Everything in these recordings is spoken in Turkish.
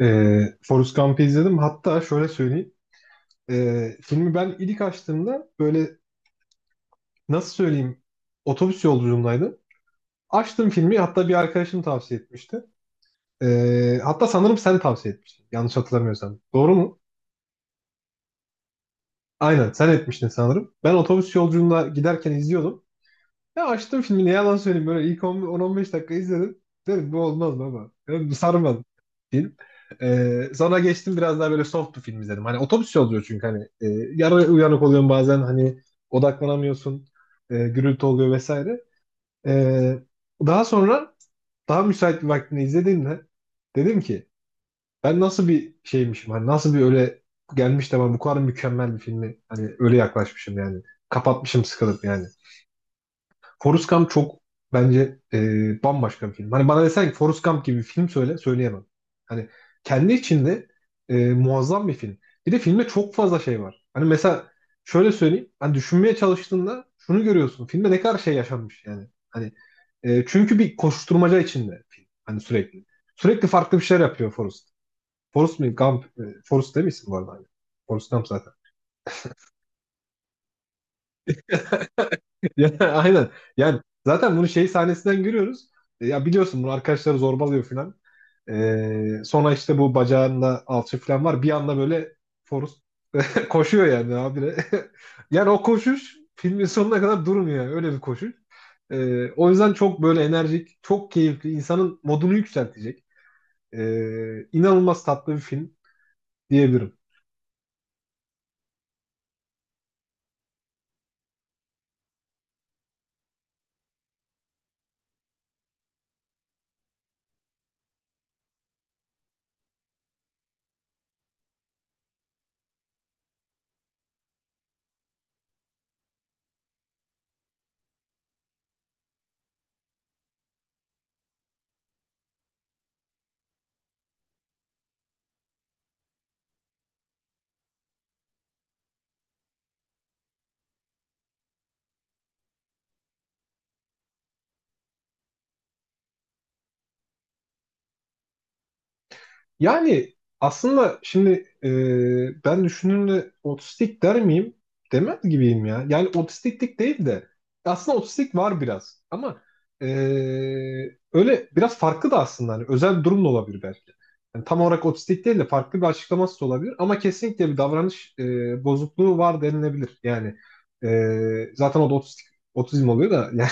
Forrest Gump'ı izledim. Hatta şöyle söyleyeyim. Filmi ben ilk açtığımda böyle, nasıl söyleyeyim, otobüs yolculuğundaydım. Açtım filmi, hatta bir arkadaşım tavsiye etmişti. Hatta sanırım sen tavsiye etmiştin. Yanlış hatırlamıyorsam. Doğru mu? Aynen, sen etmiştin sanırım. Ben otobüs yolculuğunda giderken izliyordum. Ya, açtım filmi, ne yalan söyleyeyim, böyle ilk 10 10-15 dakika izledim. Dedim bu olmaz baba. Dedim bu sarmadı film. Sonra geçtim, biraz daha böyle soft bir film izledim. Hani otobüs yolculuğu çünkü hani yarı uyanık oluyorsun bazen, hani odaklanamıyorsun. Gürültü oluyor vesaire. Ee, daha sonra daha müsait bir vaktini izlediğimde dedim ki, ben nasıl bir şeymişim, hani nasıl bir öyle gelmiş de ben bu kadar mükemmel bir filmi hani öyle yaklaşmışım yani. Kapatmışım sıkılıp yani. Forrest Gump çok, bence bambaşka bir film. Hani bana desen ki Forrest Gump gibi bir film söyle, söyleyemem. Hani kendi içinde muazzam bir film. Bir de filmde çok fazla şey var. Hani mesela şöyle söyleyeyim. Hani düşünmeye çalıştığında şunu görüyorsun. Filmde ne kadar şey yaşanmış yani. Hani çünkü bir koşuşturmaca içinde film. Hani sürekli. Sürekli farklı bir şeyler yapıyor Forrest. Forrest mi? Gump. Forrest değil misin bu arada? Hani? Forrest Gump zaten. Ya, aynen. Yani zaten bunu şey sahnesinden görüyoruz. Ya biliyorsun, bunu arkadaşları zorbalıyor falan. E, sonra işte bu bacağında alçı falan var. Bir anda böyle Forrest koşuyor yani abi. Yani o koşuş filmin sonuna kadar durmuyor yani. Öyle bir koşuş. E, o yüzden çok böyle enerjik, çok keyifli, insanın modunu yükseltecek. İnanılmaz tatlı bir film diyebilirim. Yani aslında şimdi ben düşününce otistik der miyim? Demez gibiyim ya. Yani otistiklik değil de, aslında otistik var biraz ama, e, öyle biraz farklı da aslında, hani özel bir durum da olabilir belki. Yani tam olarak otistik değil de, farklı bir açıklaması da olabilir ama kesinlikle bir davranış, bozukluğu var denilebilir. Yani zaten o da otizm oluyor da yani.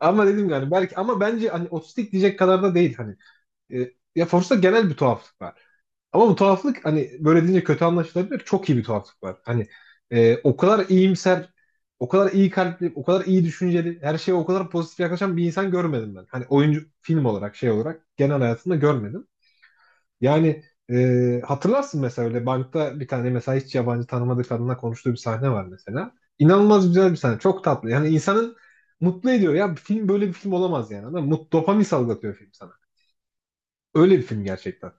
Ama dedim yani, belki, ama bence hani otistik diyecek kadar da değil hani. Ya Force'da genel bir tuhaflık var. Ama bu tuhaflık hani böyle deyince kötü anlaşılabilir. Çok iyi bir tuhaflık var. Hani o kadar iyimser, o kadar iyi kalpli, o kadar iyi düşünceli, her şeye o kadar pozitif yaklaşan bir insan görmedim ben. Hani oyuncu film olarak, şey olarak, genel hayatımda görmedim. Yani hatırlarsın mesela, öyle bankta bir tane mesela hiç yabancı tanımadığı kadınla konuştuğu bir sahne var mesela. İnanılmaz güzel bir sahne. Çok tatlı. Yani insanın mutlu ediyor. Ya bir film böyle bir film olamaz yani. Anladın mı? Mut, dopamin salgılatıyor film sana. Öyle bir film gerçekten.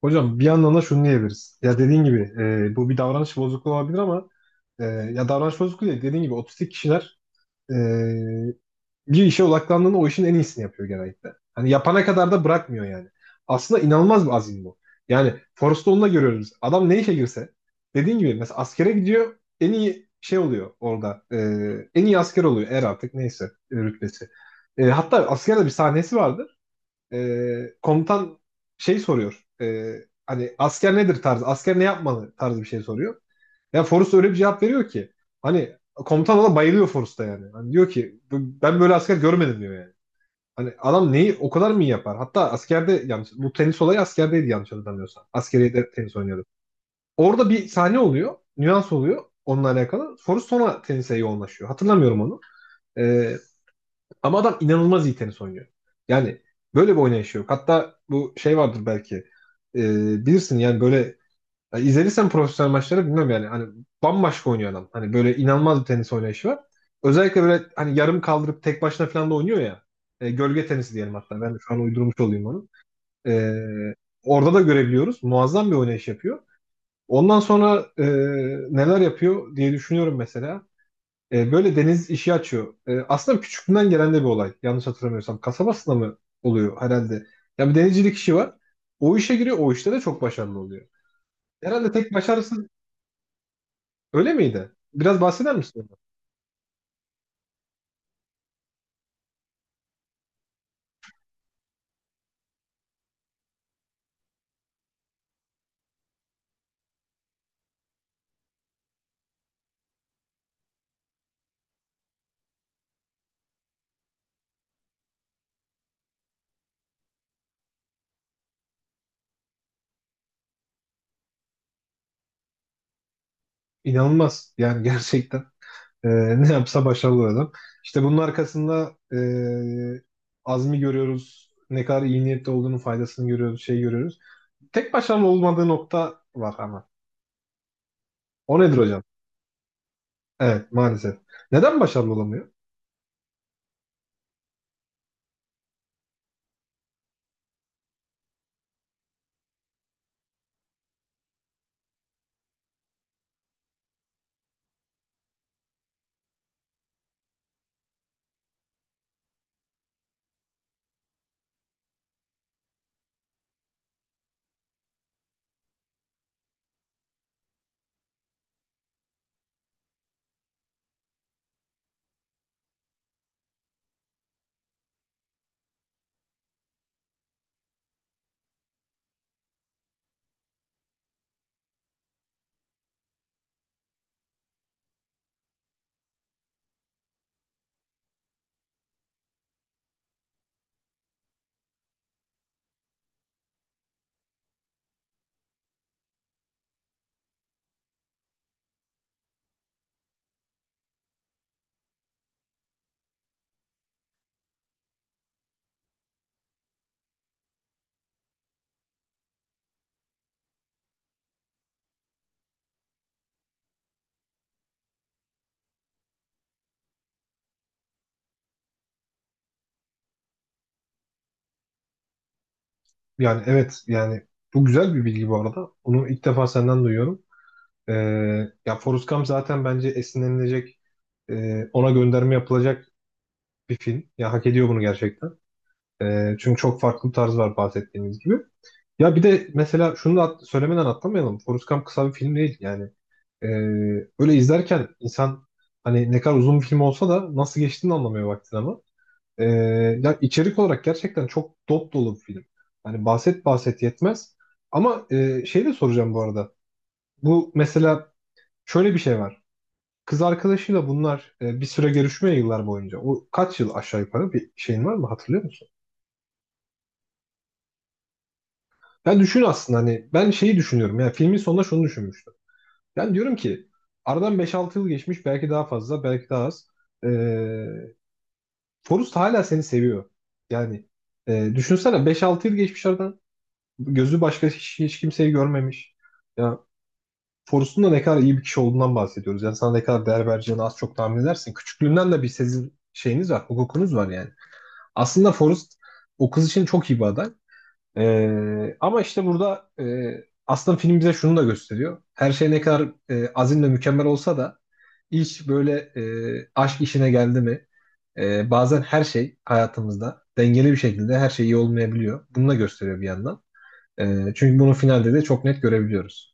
Hocam bir yandan da şunu diyebiliriz. Ya dediğin gibi bu bir davranış bozukluğu olabilir ama, ya davranış bozukluğu değil. Dediğin gibi otistik kişiler e, bir işe odaklandığında o işin en iyisini yapıyor genellikle. Hani yapana kadar da bırakmıyor yani. Aslında inanılmaz bir azim bu. Yani Forrest Gump'ta görüyoruz. Adam ne işe girse, dediğin gibi, mesela askere gidiyor, en iyi şey oluyor orada. En iyi asker oluyor, er artık neyse rütbesi. E, hatta askerde bir sahnesi vardı. Komutan şey soruyor. Hani asker nedir tarzı, asker ne yapmalı tarzı bir şey soruyor. Ya Forrest öyle bir cevap veriyor ki, hani komutan ona bayılıyor Forrest'a yani. Hani diyor ki ben böyle asker görmedim diyor yani. Hani adam neyi o kadar mı iyi yapar? Hatta askerde, yanlış, bu tenis olayı askerdeydi yanlış hatırlamıyorsam. Askeriyede tenis oynuyordu. Orada bir sahne oluyor, nüans oluyor onunla alakalı. Forrest sonra tenise yoğunlaşıyor. Hatırlamıyorum onu. Ee, ama adam inanılmaz iyi tenis oynuyor. Yani böyle bir oynayışı yok. Hatta bu şey vardır belki. Bilirsin yani böyle, ya izlediysen profesyonel maçları bilmem yani. Hani bambaşka oynuyor adam. Hani böyle inanılmaz bir tenis oynayışı var. Özellikle böyle hani yarım kaldırıp tek başına falan da oynuyor ya. Gölge tenisi diyelim hatta. Ben de şu an uydurmuş olayım onu. Ee, orada da görebiliyoruz. Muazzam bir oynayış yapıyor. Ondan sonra neler yapıyor diye düşünüyorum mesela. E, böyle deniz işi açıyor. E, aslında küçüklüğünden gelen de bir olay. Yanlış hatırlamıyorsam. Kasabasında mı oluyor herhalde? Ya, bir denizcilik işi var. O işe giriyor. O işte de çok başarılı oluyor. Herhalde tek başarısı öyle miydi? Biraz bahseder misin ondan? İnanılmaz. Yani gerçekten e, ne yapsa başarılı adam. İşte bunun arkasında azmi görüyoruz. Ne kadar iyi niyetli olduğunun faydasını görüyoruz. Şey görüyoruz. Tek başarılı olmadığı nokta var ama. O nedir hocam? Evet, maalesef. Neden başarılı olamıyor? Yani evet, yani bu güzel bir bilgi bu arada. Onu ilk defa senden duyuyorum. Ee, ya Forrest Gump zaten bence esinlenilecek, ona gönderme yapılacak bir film. Ya hak ediyor bunu gerçekten. Çünkü çok farklı bir tarz var, bahsettiğimiz gibi. Ya bir de mesela şunu da söylemeden atlamayalım. Forrest Gump kısa bir film değil yani. Ee, öyle izlerken insan, hani ne kadar uzun bir film olsa da nasıl geçtiğini anlamıyor vaktin ama. Ee, ya içerik olarak gerçekten çok dop dolu bir film. Hani bahset bahset yetmez. Ama şey de soracağım bu arada. Bu mesela şöyle bir şey var. Kız arkadaşıyla bunlar bir süre görüşmüyor yıllar boyunca. O kaç yıl aşağı yukarı, bir şeyin var mı, hatırlıyor musun? Ben düşün aslında, hani ben şeyi düşünüyorum. Yani filmin sonunda şunu düşünmüştüm. Ben diyorum ki aradan beş altı yıl geçmiş, belki daha fazla, belki daha az. Ee, Forrest hala seni seviyor. Yani düşünsene 5-6 yıl geçmiş aradan. Gözü başka hiç kimseyi görmemiş. Ya Forrest'un da ne kadar iyi bir kişi olduğundan bahsediyoruz. Yani sana ne kadar değer vereceğini az çok tahmin edersin. Küçüklüğünden de bir sezim şeyiniz var, hukukunuz var yani. Aslında Forrest o kız için çok iyi bir aday. Ama işte burada aslında film bize şunu da gösteriyor. Her şey ne kadar azim mükemmel olsa da, iş böyle, aşk işine geldi mi, bazen her şey hayatımızda dengeli bir şekilde her şey iyi olmayabiliyor. Bunu da gösteriyor bir yandan. Çünkü bunu finalde de çok net görebiliyoruz.